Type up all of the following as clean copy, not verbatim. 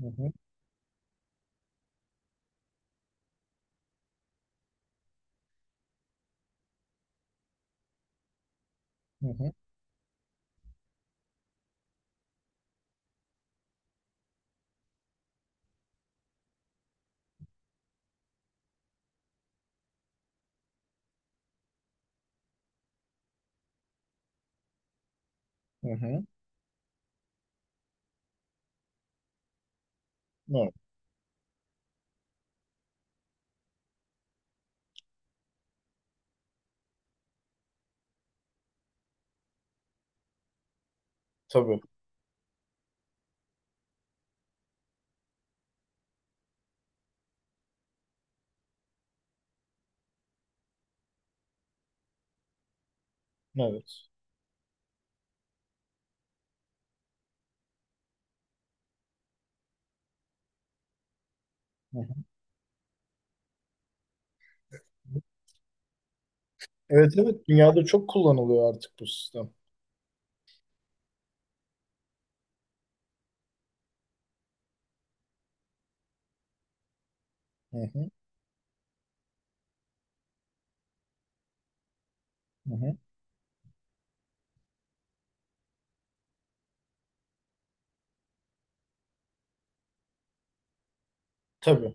Hı hı, hı hı, hı hı. Evet, tabii. Evet. Hı hı. Evet evet, dünyada çok kullanılıyor artık bu sistem. Hı hı, hı hı. Tabii.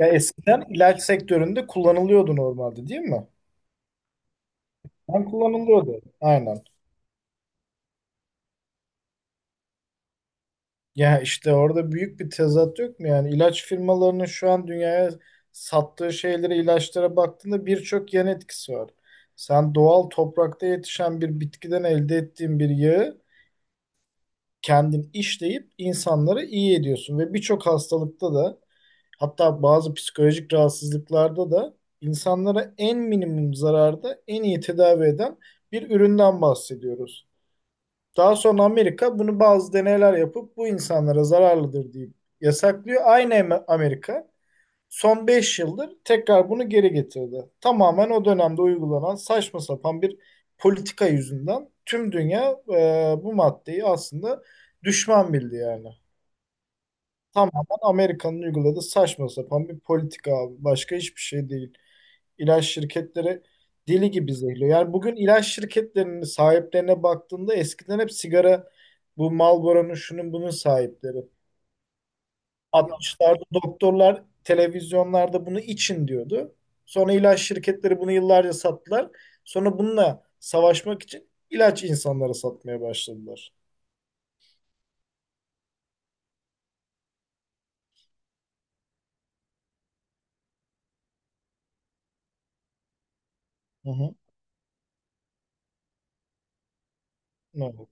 Ya eskiden ilaç sektöründe kullanılıyordu normalde, değil mi? Ben kullanılıyordu. Aynen. Ya işte orada büyük bir tezat yok mu? Yani ilaç firmalarının şu an dünyaya sattığı şeylere, ilaçlara baktığında birçok yan etkisi var. Sen doğal toprakta yetişen bir bitkiden elde ettiğin bir yağı kendin işleyip insanları iyi ediyorsun ve birçok hastalıkta da, hatta bazı psikolojik rahatsızlıklarda da insanlara en minimum zararda en iyi tedavi eden bir üründen bahsediyoruz. Daha sonra Amerika bunu bazı deneyler yapıp bu insanlara zararlıdır deyip yasaklıyor. Aynı Amerika son 5 yıldır tekrar bunu geri getirdi. Tamamen o dönemde uygulanan saçma sapan bir politika yüzünden tüm dünya bu maddeyi aslında düşman bildi yani. Tamamen Amerika'nın uyguladığı saçma sapan bir politika abi. Başka hiçbir şey değil. İlaç şirketleri deli gibi zehirliyor. Yani bugün ilaç şirketlerinin sahiplerine baktığında eskiden hep sigara, bu Marlboro'nun şunun bunun sahipleri. 60'larda doktorlar televizyonlarda bunu için diyordu. Sonra ilaç şirketleri bunu yıllarca sattılar. Sonra bununla savaşmak için ilaç insanlara satmaya başladılar. Hı hı. Evet.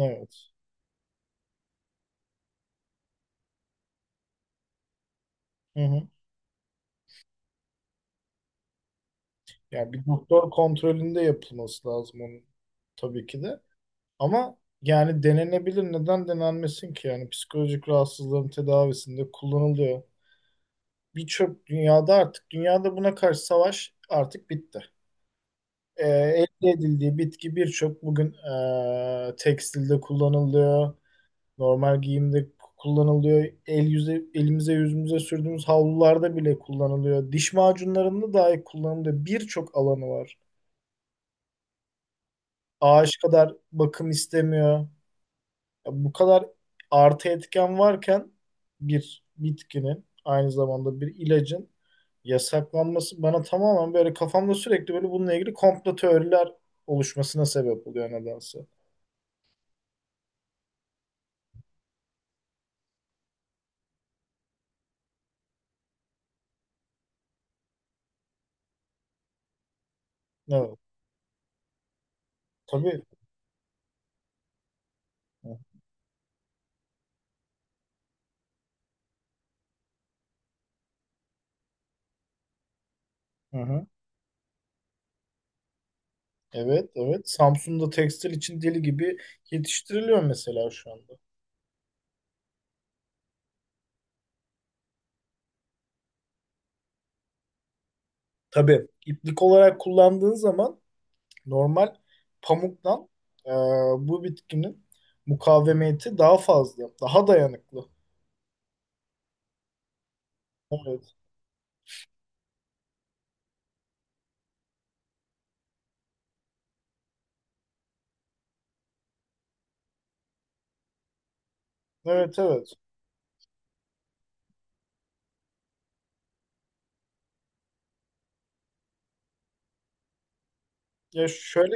Evet. Hı hı. Yani bir doktor kontrolünde yapılması lazım onun, tabii ki de. Ama yani denenebilir. Neden denenmesin ki? Yani psikolojik rahatsızlığın tedavisinde kullanılıyor. Birçok dünyada artık dünyada buna karşı savaş artık bitti. Elde edildiği bitki birçok bugün tekstilde kullanılıyor, normal giyimde kullanılıyor, el yüze, elimize yüzümüze sürdüğümüz havlularda bile kullanılıyor, diş macunlarında dahi kullanılıyor. Birçok alanı var. Ağaç kadar bakım istemiyor. Ya bu kadar artı etken varken bir bitkinin, aynı zamanda bir ilacın yasaklanması bana tamamen böyle kafamda sürekli böyle bununla ilgili komplo teoriler oluşmasına sebep oluyor nedense. Evet, tabii. Hı hı. Evet, evet. Samsun'da tekstil için deli gibi yetiştiriliyor mesela şu anda. Tabii iplik olarak kullandığın zaman normal pamuktan e, bu bitkinin mukavemeti daha fazla, daha dayanıklı. Evet, evet, evet. Ya şöyle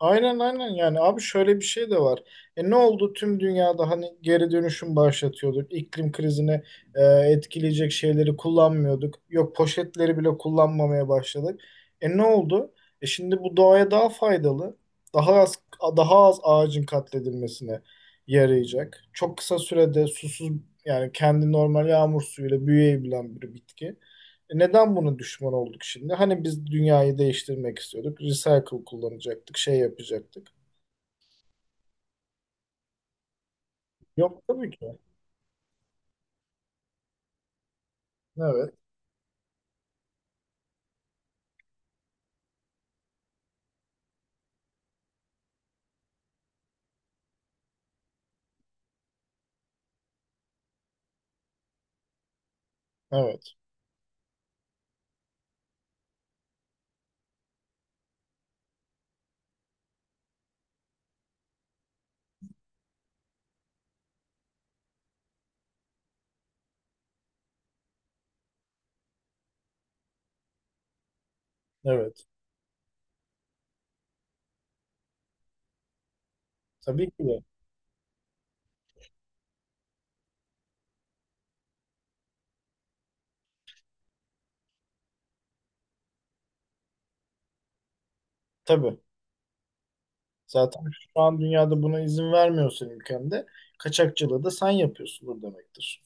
Aynen aynen, yani abi şöyle bir şey de var. E, ne oldu tüm dünyada? Hani geri dönüşüm başlatıyorduk. İklim krizini etkileyecek şeyleri kullanmıyorduk. Yok, poşetleri bile kullanmamaya başladık. E, ne oldu? E, şimdi bu doğaya daha faydalı. Daha az daha az ağacın katledilmesine yarayacak. Çok kısa sürede susuz, yani kendi normal yağmur suyuyla büyüyebilen bir bitki. E, neden bunu düşman olduk şimdi? Hani biz dünyayı değiştirmek istiyorduk. Recycle kullanacaktık, şey yapacaktık. Yok tabii ki. Evet, evet, evet. Tabii ki de. Tabii. Zaten şu an dünyada buna izin vermiyorsan, ülkemde kaçakçılığı da sen yapıyorsundur demektir.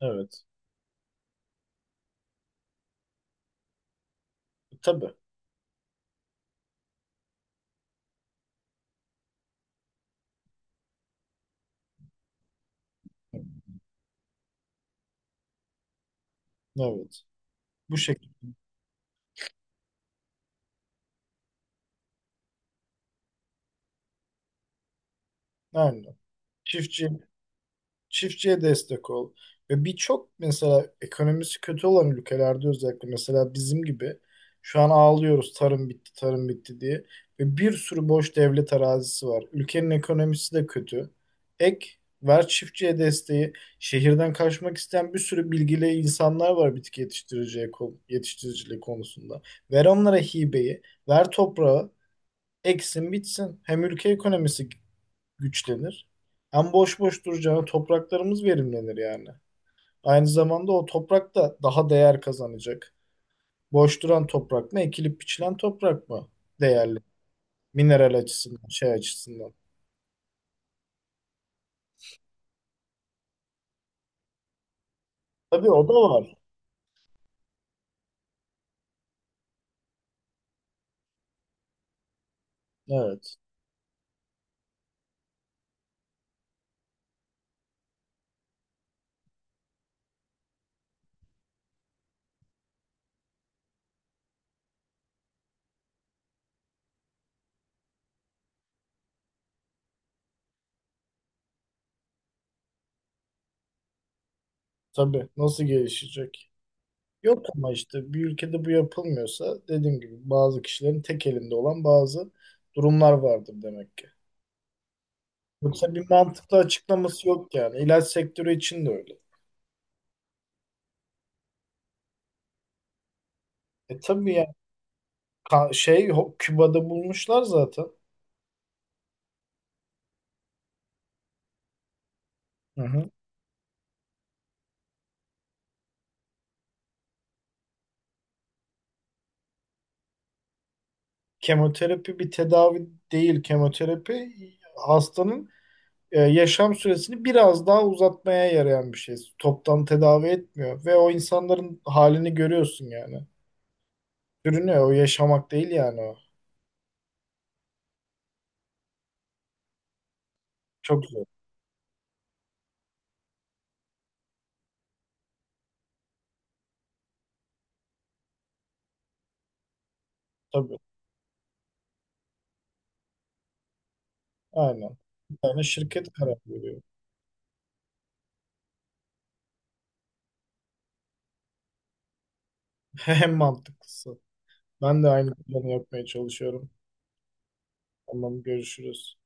Evet. Tabii. Evet. Bu şekilde. Aynen. Çiftçi çiftçiye destek ol. Ve birçok, mesela ekonomisi kötü olan ülkelerde, özellikle mesela bizim gibi şu an ağlıyoruz tarım bitti, tarım bitti diye. Ve bir sürü boş devlet arazisi var. Ülkenin ekonomisi de kötü. Ek ver çiftçiye desteği. Şehirden kaçmak isteyen bir sürü bilgili insanlar var bitki yetiştiriciye, yetiştiriciliği konusunda. Ver onlara hibeyi, ver toprağı, eksin bitsin. Hem ülke ekonomisi güçlenir. Hem boş boş duracağına topraklarımız verimlenir yani. Aynı zamanda o toprak da daha değer kazanacak. Boş duran toprak mı, ekilip biçilen toprak mı değerli? Mineral açısından, şey açısından. Tabii o da var. Evet. Tabii. Nasıl gelişecek? Yok, ama işte bir ülkede bu yapılmıyorsa, dediğim gibi bazı kişilerin tek elinde olan bazı durumlar vardır demek ki. Yoksa bir mantıklı açıklaması yok yani. İlaç sektörü için de öyle. E tabii yani. Küba'da bulmuşlar zaten. Hı hı. Kemoterapi bir tedavi değil. Kemoterapi hastanın yaşam süresini biraz daha uzatmaya yarayan bir şey. Toptan tedavi etmiyor ve o insanların halini görüyorsun yani. Sürünüyor. O yaşamak değil yani o. Çok zor. Tabii. Aynen. Bir tane şirket karar veriyor. En mantıklısı. Ben de aynı planı yapmaya çalışıyorum. Tamam, görüşürüz.